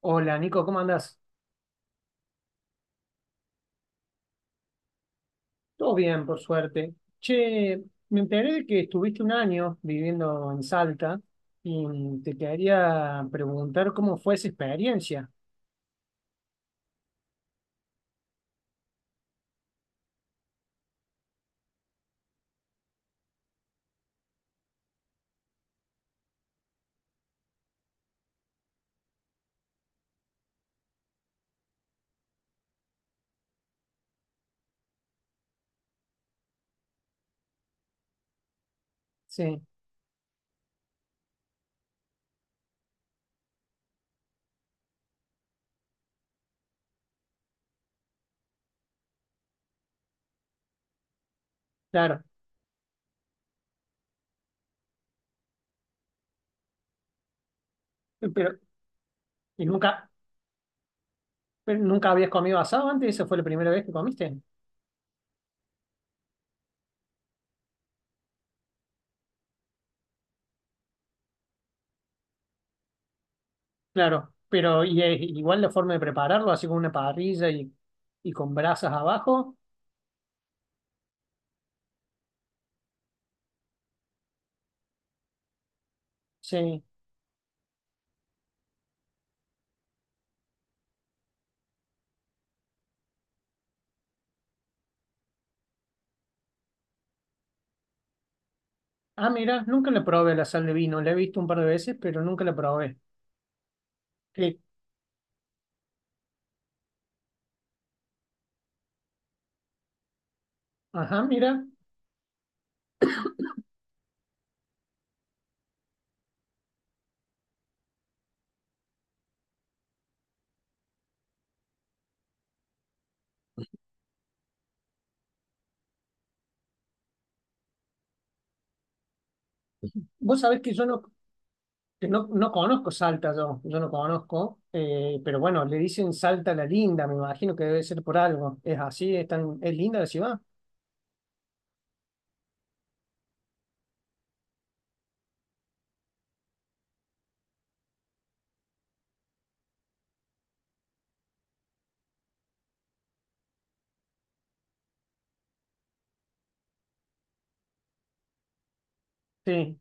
Hola Nico, ¿cómo andás? Todo bien, por suerte. Che, me enteré de que estuviste un año viviendo en Salta y te quería preguntar cómo fue esa experiencia. Sí, claro. Pero, ¿y nunca, pero nunca habías comido asado antes? ¿Esa fue la primera vez que comiste? Claro, pero y, igual la forma de prepararlo, así con una parrilla y, con brasas abajo. Sí. Ah, mira, nunca le probé la sal de vino. La he visto un par de veces, pero nunca la probé. Eh, ajá, mira. Vos sabés que yo no que no, no conozco Salta. Yo no conozco, pero bueno, le dicen Salta la Linda, me imagino que debe ser por algo. Es así, es tan, es linda la ciudad. Sí,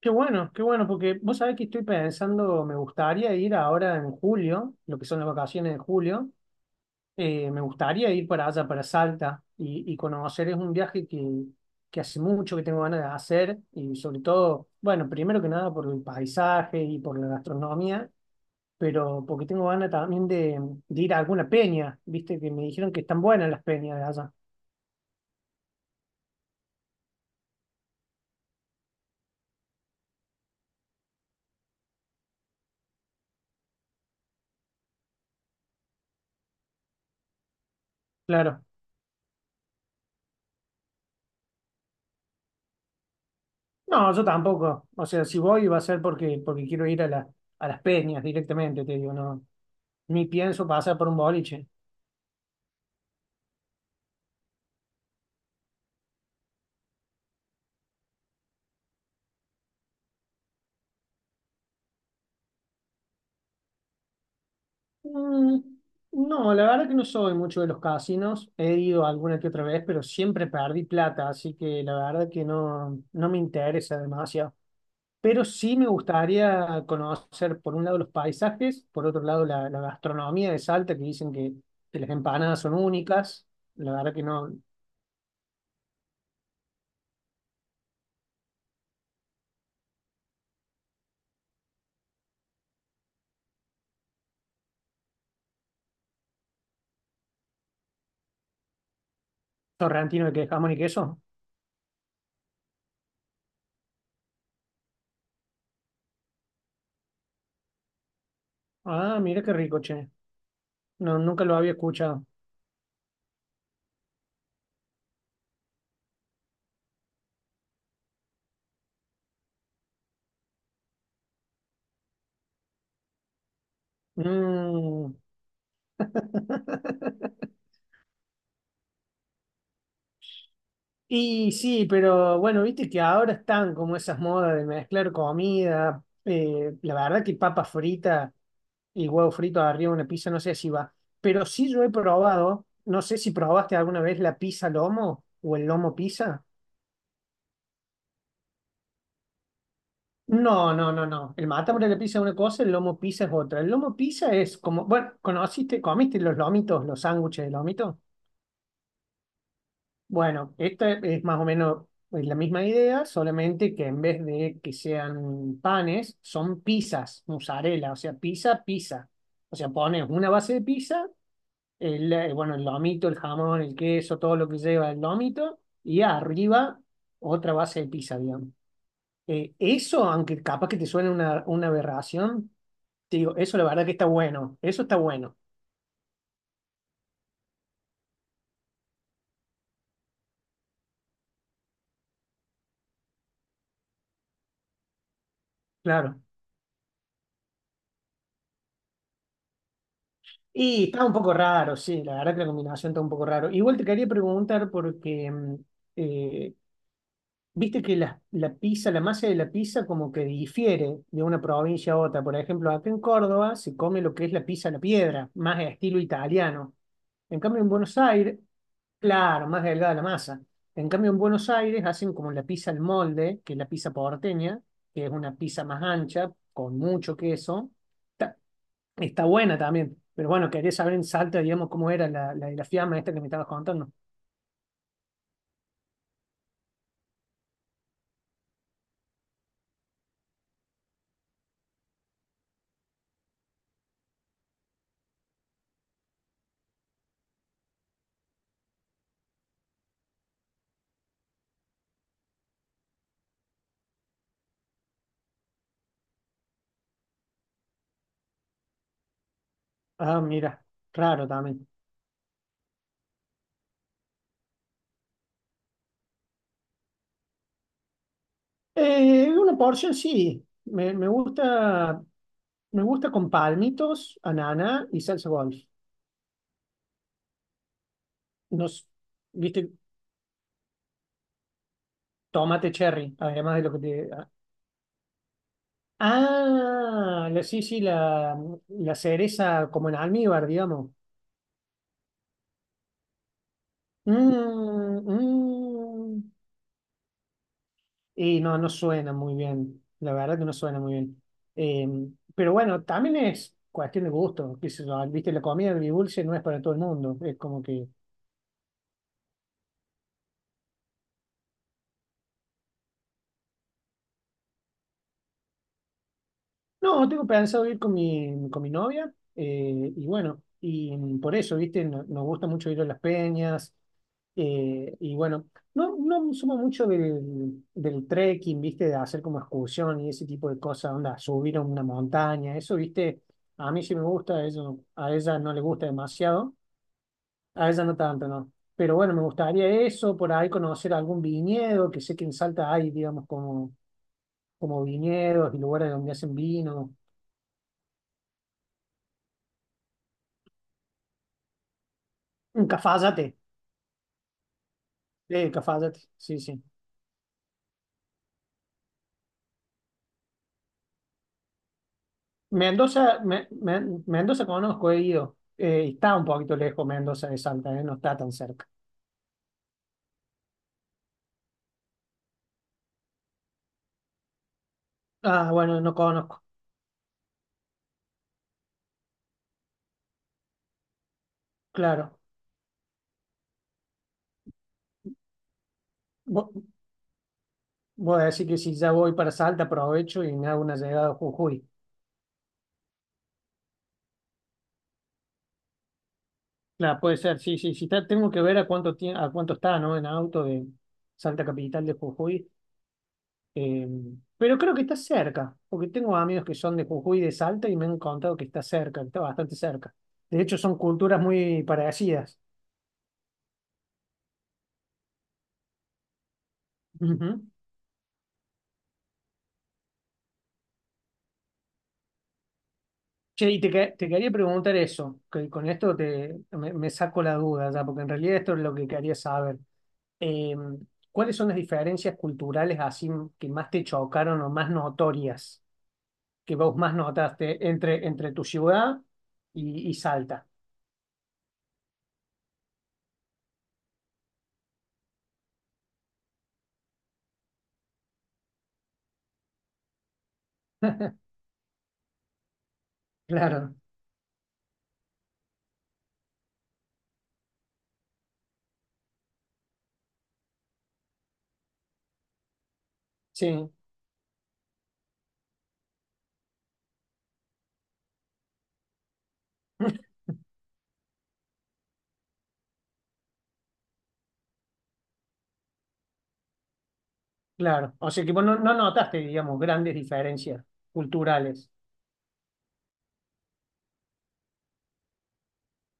qué bueno, porque vos sabés que estoy pensando, me gustaría ir ahora en julio, lo que son las vacaciones de julio. Me gustaría ir para allá, para Salta, y, conocer. Es un viaje que hace mucho que tengo ganas de hacer, y sobre todo, bueno, primero que nada por el paisaje y por la gastronomía, pero porque tengo ganas también de ir a alguna peña, viste, que me dijeron que están buenas las peñas de allá. Claro. No, yo tampoco. O sea, si voy va a ser porque quiero ir a las peñas directamente, te digo, no. Ni pienso pasar por un boliche. Mm, no, la verdad que no soy mucho de los casinos. He ido alguna que otra vez, pero siempre perdí plata, así que la verdad que no, no me interesa demasiado. Pero sí me gustaría conocer, por un lado, los paisajes, por otro lado, la gastronomía de Salta, que dicen que las empanadas son únicas. La verdad que no, torrentino de que jamón y queso. Ah, mira qué rico, che. No, nunca lo había escuchado. Mm. Y sí, pero bueno, viste que ahora están como esas modas de mezclar comida. La verdad que papa frita y huevo frito arriba de una pizza, no sé si va. Pero sí yo he probado, no sé si probaste alguna vez la pizza lomo o el lomo pizza. No, no, no, no. El matambre de la pizza es una cosa, el lomo pizza es otra. El lomo pizza es como, bueno, ¿conociste, comiste los lomitos, los sándwiches de lomito? Bueno, esta es más o menos la misma idea, solamente que en vez de que sean panes, son pizzas, mozzarella, o sea, pizza, pizza. O sea, pones una base de pizza, bueno, el lomito, el jamón, el queso, todo lo que lleva el lomito, y arriba otra base de pizza, digamos. Eso, aunque capaz que te suene una aberración, te digo, eso la verdad que está bueno, eso está bueno, claro. Y está un poco raro, sí, la verdad que la combinación está un poco raro. Igual te quería preguntar porque eh, viste que la, pizza, la masa de la pizza como que difiere de una provincia a otra. Por ejemplo, acá en Córdoba se come lo que es la pizza a la piedra, más de estilo italiano. En cambio, en Buenos Aires, claro, más delgada la masa. En cambio, en Buenos Aires hacen como la pizza al molde, que es la pizza porteña, que es una pizza más ancha, con mucho queso. Ta- Está buena también. Pero bueno, quería saber en Salta, digamos, cómo era la, la de la fiamma esta que me estabas contando. Ah, mira, claro también. Una porción sí. Me gusta, me gusta con palmitos, ananá y salsa golf. Nos, Viste, tomate cherry, además de lo que te. Ah, ah, la, sí, sí, la cereza como en almíbar, digamos. Mm, mm. Y no, no suena muy bien. La verdad que no suena muy bien. Eh, pero bueno, también es cuestión de gusto. Qué sé yo, ah, viste, la comida de dulce no es para todo el mundo. Es como que. No, tengo pensado ir con mi, novia. Y bueno, y por eso, viste, nos gusta mucho ir a las peñas. Y bueno, no, no somos mucho del trekking, viste, de hacer como excursión y ese tipo de cosas, onda, subir a una montaña. Eso, viste, a mí sí me gusta, a ella no le gusta demasiado. A ella no tanto, ¿no? Pero bueno, me gustaría eso, por ahí conocer algún viñedo, que sé que en Salta hay, digamos, como viñedos y lugares donde hacen vino. En Cafayate, Cafayate, sí, sí. Mendoza, Mendoza conozco, he ido. Está un poquito lejos Mendoza de Salta, no está tan cerca. Ah, bueno, no conozco, claro. Vo- Voy a decir que si ya voy para Salta, aprovecho y me hago una llegada a Jujuy. Claro, puede ser, sí, sí, sí está, tengo que ver a cuánto a cuánto está, ¿no? En auto de Salta Capital de Jujuy. eh, pero creo que está cerca, porque tengo amigos que son de Jujuy y de Salta y me han contado que está cerca, que está bastante cerca. De hecho, son culturas muy parecidas. Ujú. Che, y te quería preguntar eso, que con esto me saco la duda ya, porque en realidad esto es lo que quería saber. Eh, ¿Cuáles son las diferencias culturales así que más te chocaron o más notorias? Que vos más notaste entre tu ciudad y, Salta. Claro, sí, claro. O sea que vos no, no notaste, digamos, grandes diferencias culturales.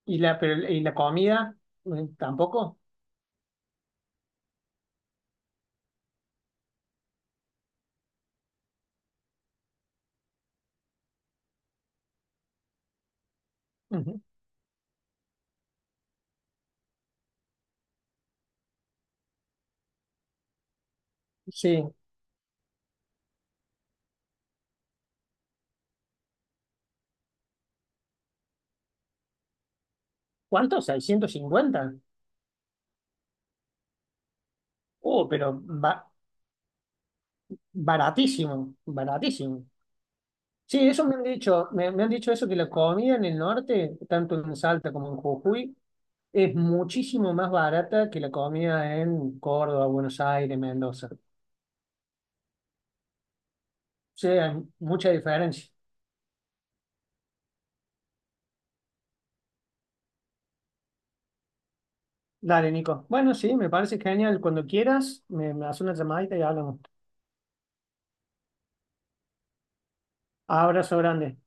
¿Y la, pero- y la comida? ¿Tampoco? Ujú. Sí. ¿Cuánto? 650. Oh, pero baratísimo, baratísimo. Sí, eso me han dicho, me han dicho eso, que la comida en el norte, tanto en Salta como en Jujuy, es muchísimo más barata que la comida en Córdoba, Buenos Aires, Mendoza. O sea, hay mucha diferencia. Dale, Nico. Bueno, sí, me parece genial. Cuando quieras, me haces una llamadita y hablamos. Abrazo grande.